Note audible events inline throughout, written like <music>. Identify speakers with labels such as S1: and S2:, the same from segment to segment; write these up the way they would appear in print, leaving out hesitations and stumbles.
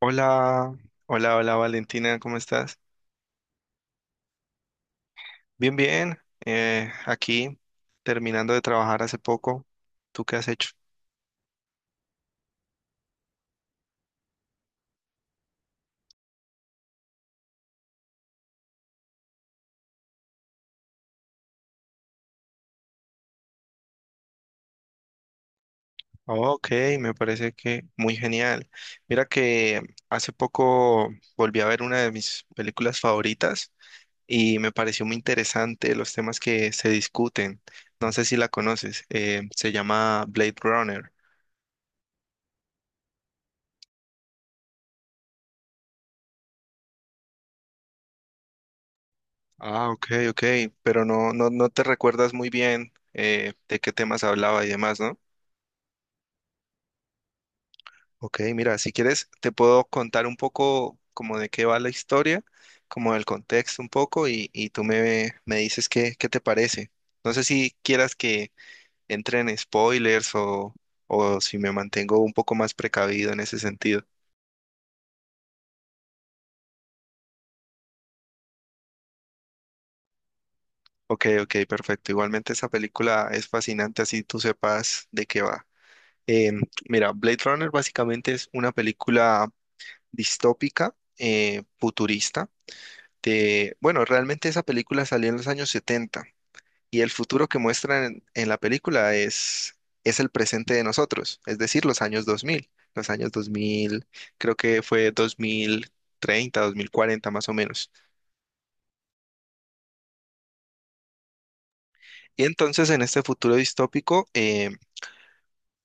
S1: Hola, hola, hola Valentina, ¿cómo estás? Bien, bien, aquí terminando de trabajar hace poco. ¿Tú qué has hecho? Oh, ok, me parece que muy genial. Mira que hace poco volví a ver una de mis películas favoritas y me pareció muy interesante los temas que se discuten. No sé si la conoces, se llama Blade Runner. Ah, ok, ok, pero no, no, no te recuerdas muy bien de qué temas hablaba y demás, ¿no? Ok, mira, si quieres, te puedo contar un poco como de qué va la historia, como el contexto un poco, y tú me dices qué te parece. No sé si quieras que entre en spoilers o si me mantengo un poco más precavido en ese sentido. Ok, ok, perfecto. Igualmente esa película es fascinante, así tú sepas de qué va. Em, mira, Blade Runner básicamente es una película distópica, futurista. De, bueno, realmente esa película salió en los años 70. Y el futuro que muestran en la película es el presente de nosotros, es decir, los años dos mil creo que fue 2030 2040 más o menos. Y entonces en este futuro distópico,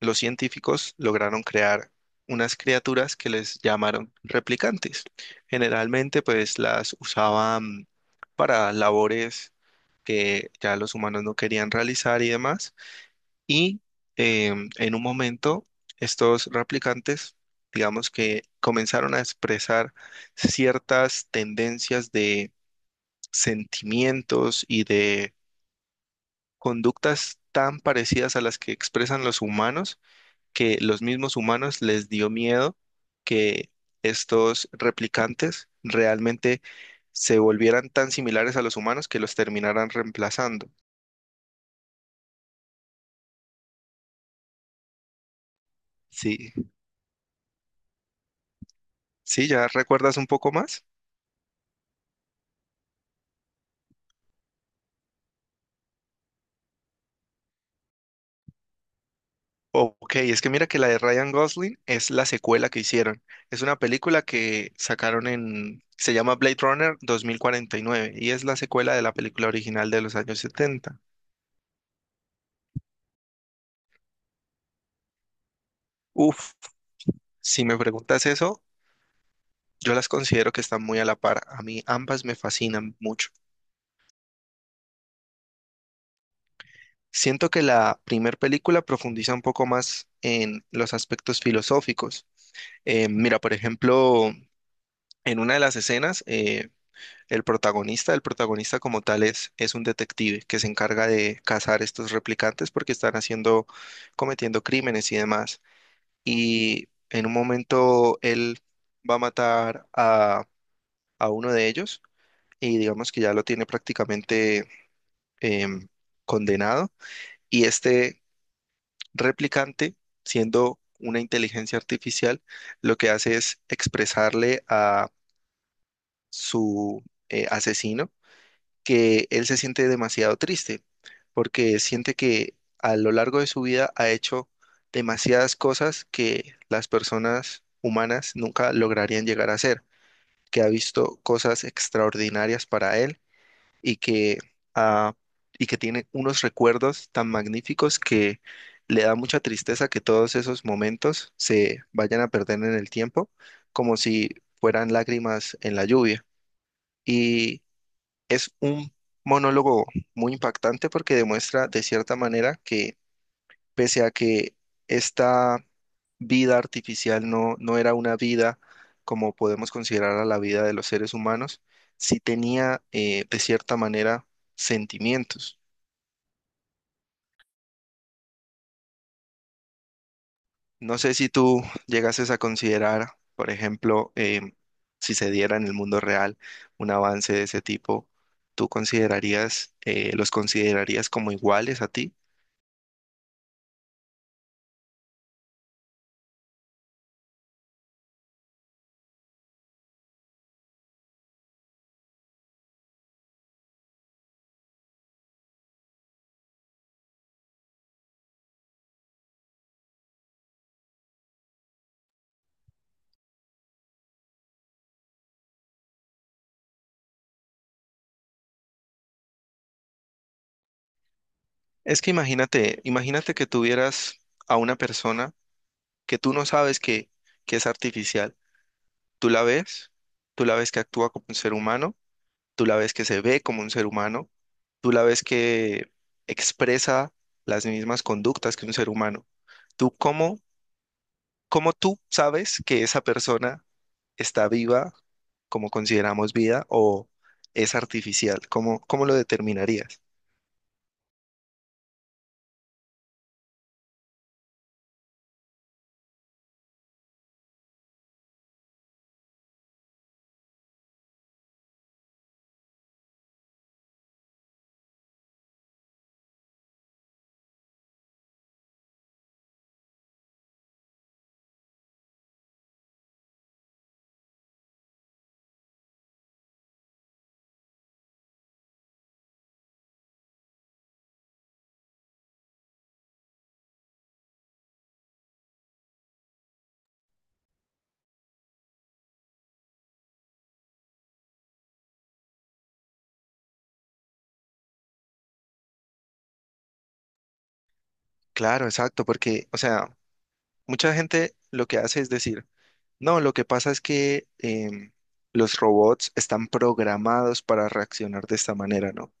S1: los científicos lograron crear unas criaturas que les llamaron replicantes. Generalmente pues las usaban para labores que ya los humanos no querían realizar y demás. Y en un momento, estos replicantes, digamos que comenzaron a expresar ciertas tendencias de sentimientos y de conductas tan parecidas a las que expresan los humanos, que los mismos humanos les dio miedo que estos replicantes realmente se volvieran tan similares a los humanos que los terminaran reemplazando. Sí, sí, ¿ya recuerdas un poco más? Ok, es que mira que la de Ryan Gosling es la secuela que hicieron. Es una película que sacaron en, se llama Blade Runner 2049 y nueve y es la secuela de la película original de los años 70. Uf, si me preguntas eso, yo las considero que están muy a la par. A mí ambas me fascinan mucho. Siento que la primer película profundiza un poco más en los aspectos filosóficos. Mira, por ejemplo, en una de las escenas. El protagonista como tal es un detective que se encarga de cazar estos replicantes porque están haciendo, cometiendo crímenes y demás. Y en un momento él va a matar a uno de ellos y digamos que ya lo tiene prácticamente em, condenado. Y este replicante, siendo una inteligencia artificial, lo que hace es expresarle a su asesino que él se siente demasiado triste porque siente que a lo largo de su vida ha hecho demasiadas cosas que las personas humanas nunca lograrían llegar a hacer, que ha visto cosas extraordinarias para él y ah, que tiene unos recuerdos tan magníficos que le da mucha tristeza que todos esos momentos se vayan a perder en el tiempo, como si fueran lágrimas en la lluvia. Y es un monólogo muy impactante porque demuestra de cierta manera que pese a que esta vida artificial no era una vida como podemos considerar a la vida de los seres humanos, sí tenía de cierta manera sentimientos. No sé si tú llegases a considerar, por ejemplo, si se diera en el mundo real un avance de ese tipo, ¿tú considerarías, los considerarías como iguales a ti? Es que imagínate que tuvieras a una persona que tú no sabes que es artificial. Tú la ves, tú la ves que actúa como un ser humano, tú la ves que se ve como un ser humano, tú la ves que expresa las mismas conductas que un ser humano. ¿Tú cómo tú sabes que esa persona está viva como consideramos vida o es artificial? ¿Cómo lo determinarías? Claro, exacto, porque, o sea, mucha gente lo que hace es decir, no, lo que pasa es que los robots están programados para reaccionar de esta manera, ¿no?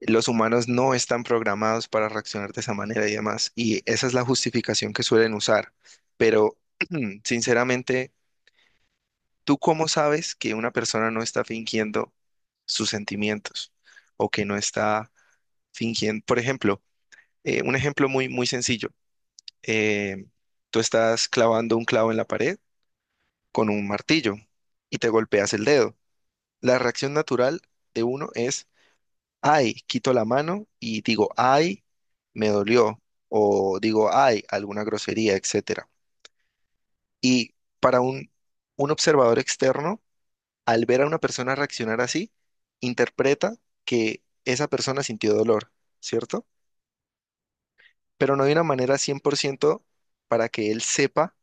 S1: Los humanos no están programados para reaccionar de esa manera y demás. Y esa es la justificación que suelen usar. Pero, <clears throat> sinceramente, ¿tú cómo sabes que una persona no está fingiendo sus sentimientos o que no está fingiendo? Por ejemplo, un ejemplo muy, muy sencillo. eh, tú estás clavando un clavo en la pared con un martillo y te golpeas el dedo. La reacción natural de uno es ay, quito la mano y digo, ay, me dolió, o digo, ay, alguna grosería, etcétera. Y para un observador externo, al ver a una persona reaccionar así, interpreta que esa persona sintió dolor, ¿cierto? Pero no hay una manera 100% para que él sepa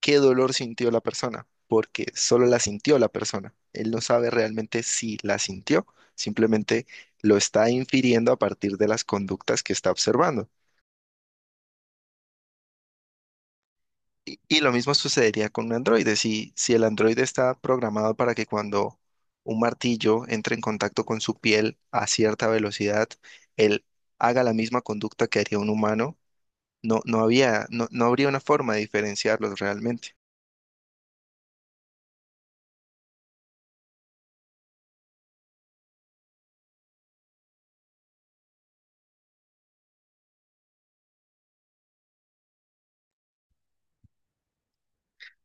S1: qué dolor sintió la persona, porque solo la sintió la persona. Él no sabe realmente si la sintió, simplemente lo está infiriendo a partir de las conductas que está observando. Y lo mismo sucedería con un androide. Si el androide está programado para que cuando un martillo entre en contacto con su piel a cierta velocidad, él haga la misma conducta que haría un humano, no había, no habría una forma de diferenciarlos realmente.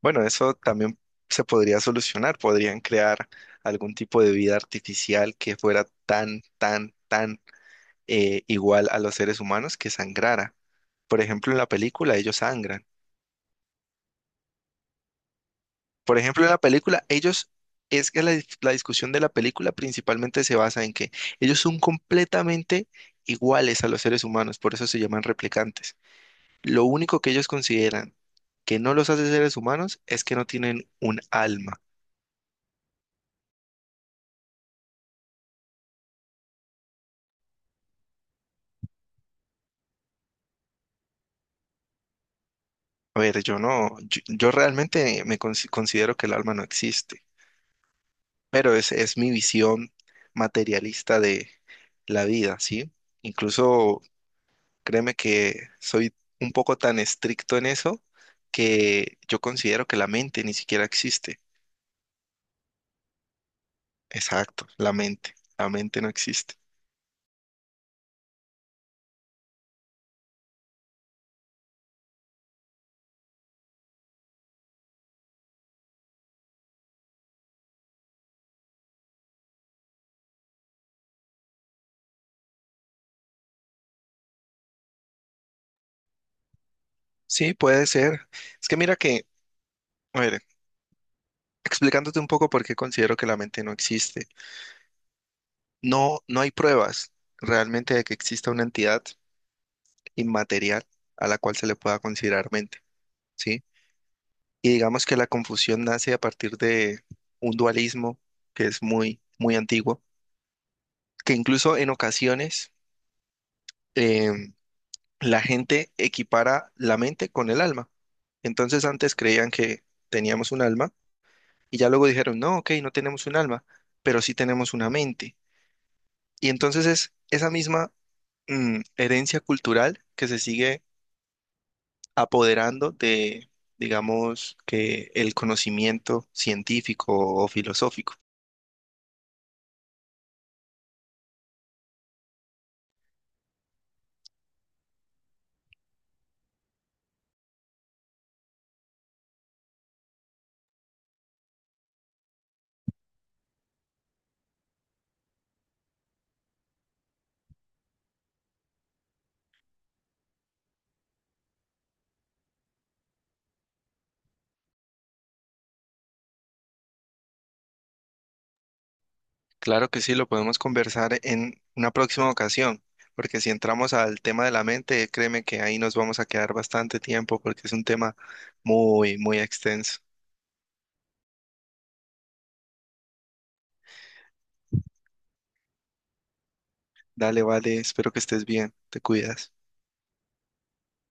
S1: Bueno, eso también se podría solucionar. Podrían crear algún tipo de vida artificial que fuera tan, tan, tan igual a los seres humanos que sangrara. Por ejemplo, en la película ellos sangran. Por ejemplo, en la película, ellos, es que la discusión de la película principalmente se basa en que ellos son completamente iguales a los seres humanos, por eso se llaman replicantes. Lo único que ellos consideran que no los hace seres humanos es que no tienen un alma. A ver, yo no, yo realmente me considero que el alma no existe, pero es mi visión materialista de la vida, ¿sí? Incluso créeme que soy un poco tan estricto en eso que yo considero que la mente ni siquiera existe. Exacto, la mente. La mente no existe. Sí, puede ser. Es que mira que, a ver, explicándote un poco por qué considero que la mente no existe. No, no hay pruebas realmente de que exista una entidad inmaterial a la cual se le pueda considerar mente, ¿sí? Y digamos que la confusión nace a partir de un dualismo que es muy, muy antiguo, que incluso en ocasiones eh, la gente equipara la mente con el alma. Entonces antes creían que teníamos un alma y ya luego dijeron, no, ok, no tenemos un alma, pero sí tenemos una mente. Y entonces es esa misma herencia cultural que se sigue apoderando de, digamos, que el conocimiento científico o filosófico. Claro que sí, lo podemos conversar en una próxima ocasión, porque si entramos al tema de la mente, créeme que ahí nos vamos a quedar bastante tiempo porque es un tema muy, muy extenso. Dale, vale, espero que estés bien, te cuidas.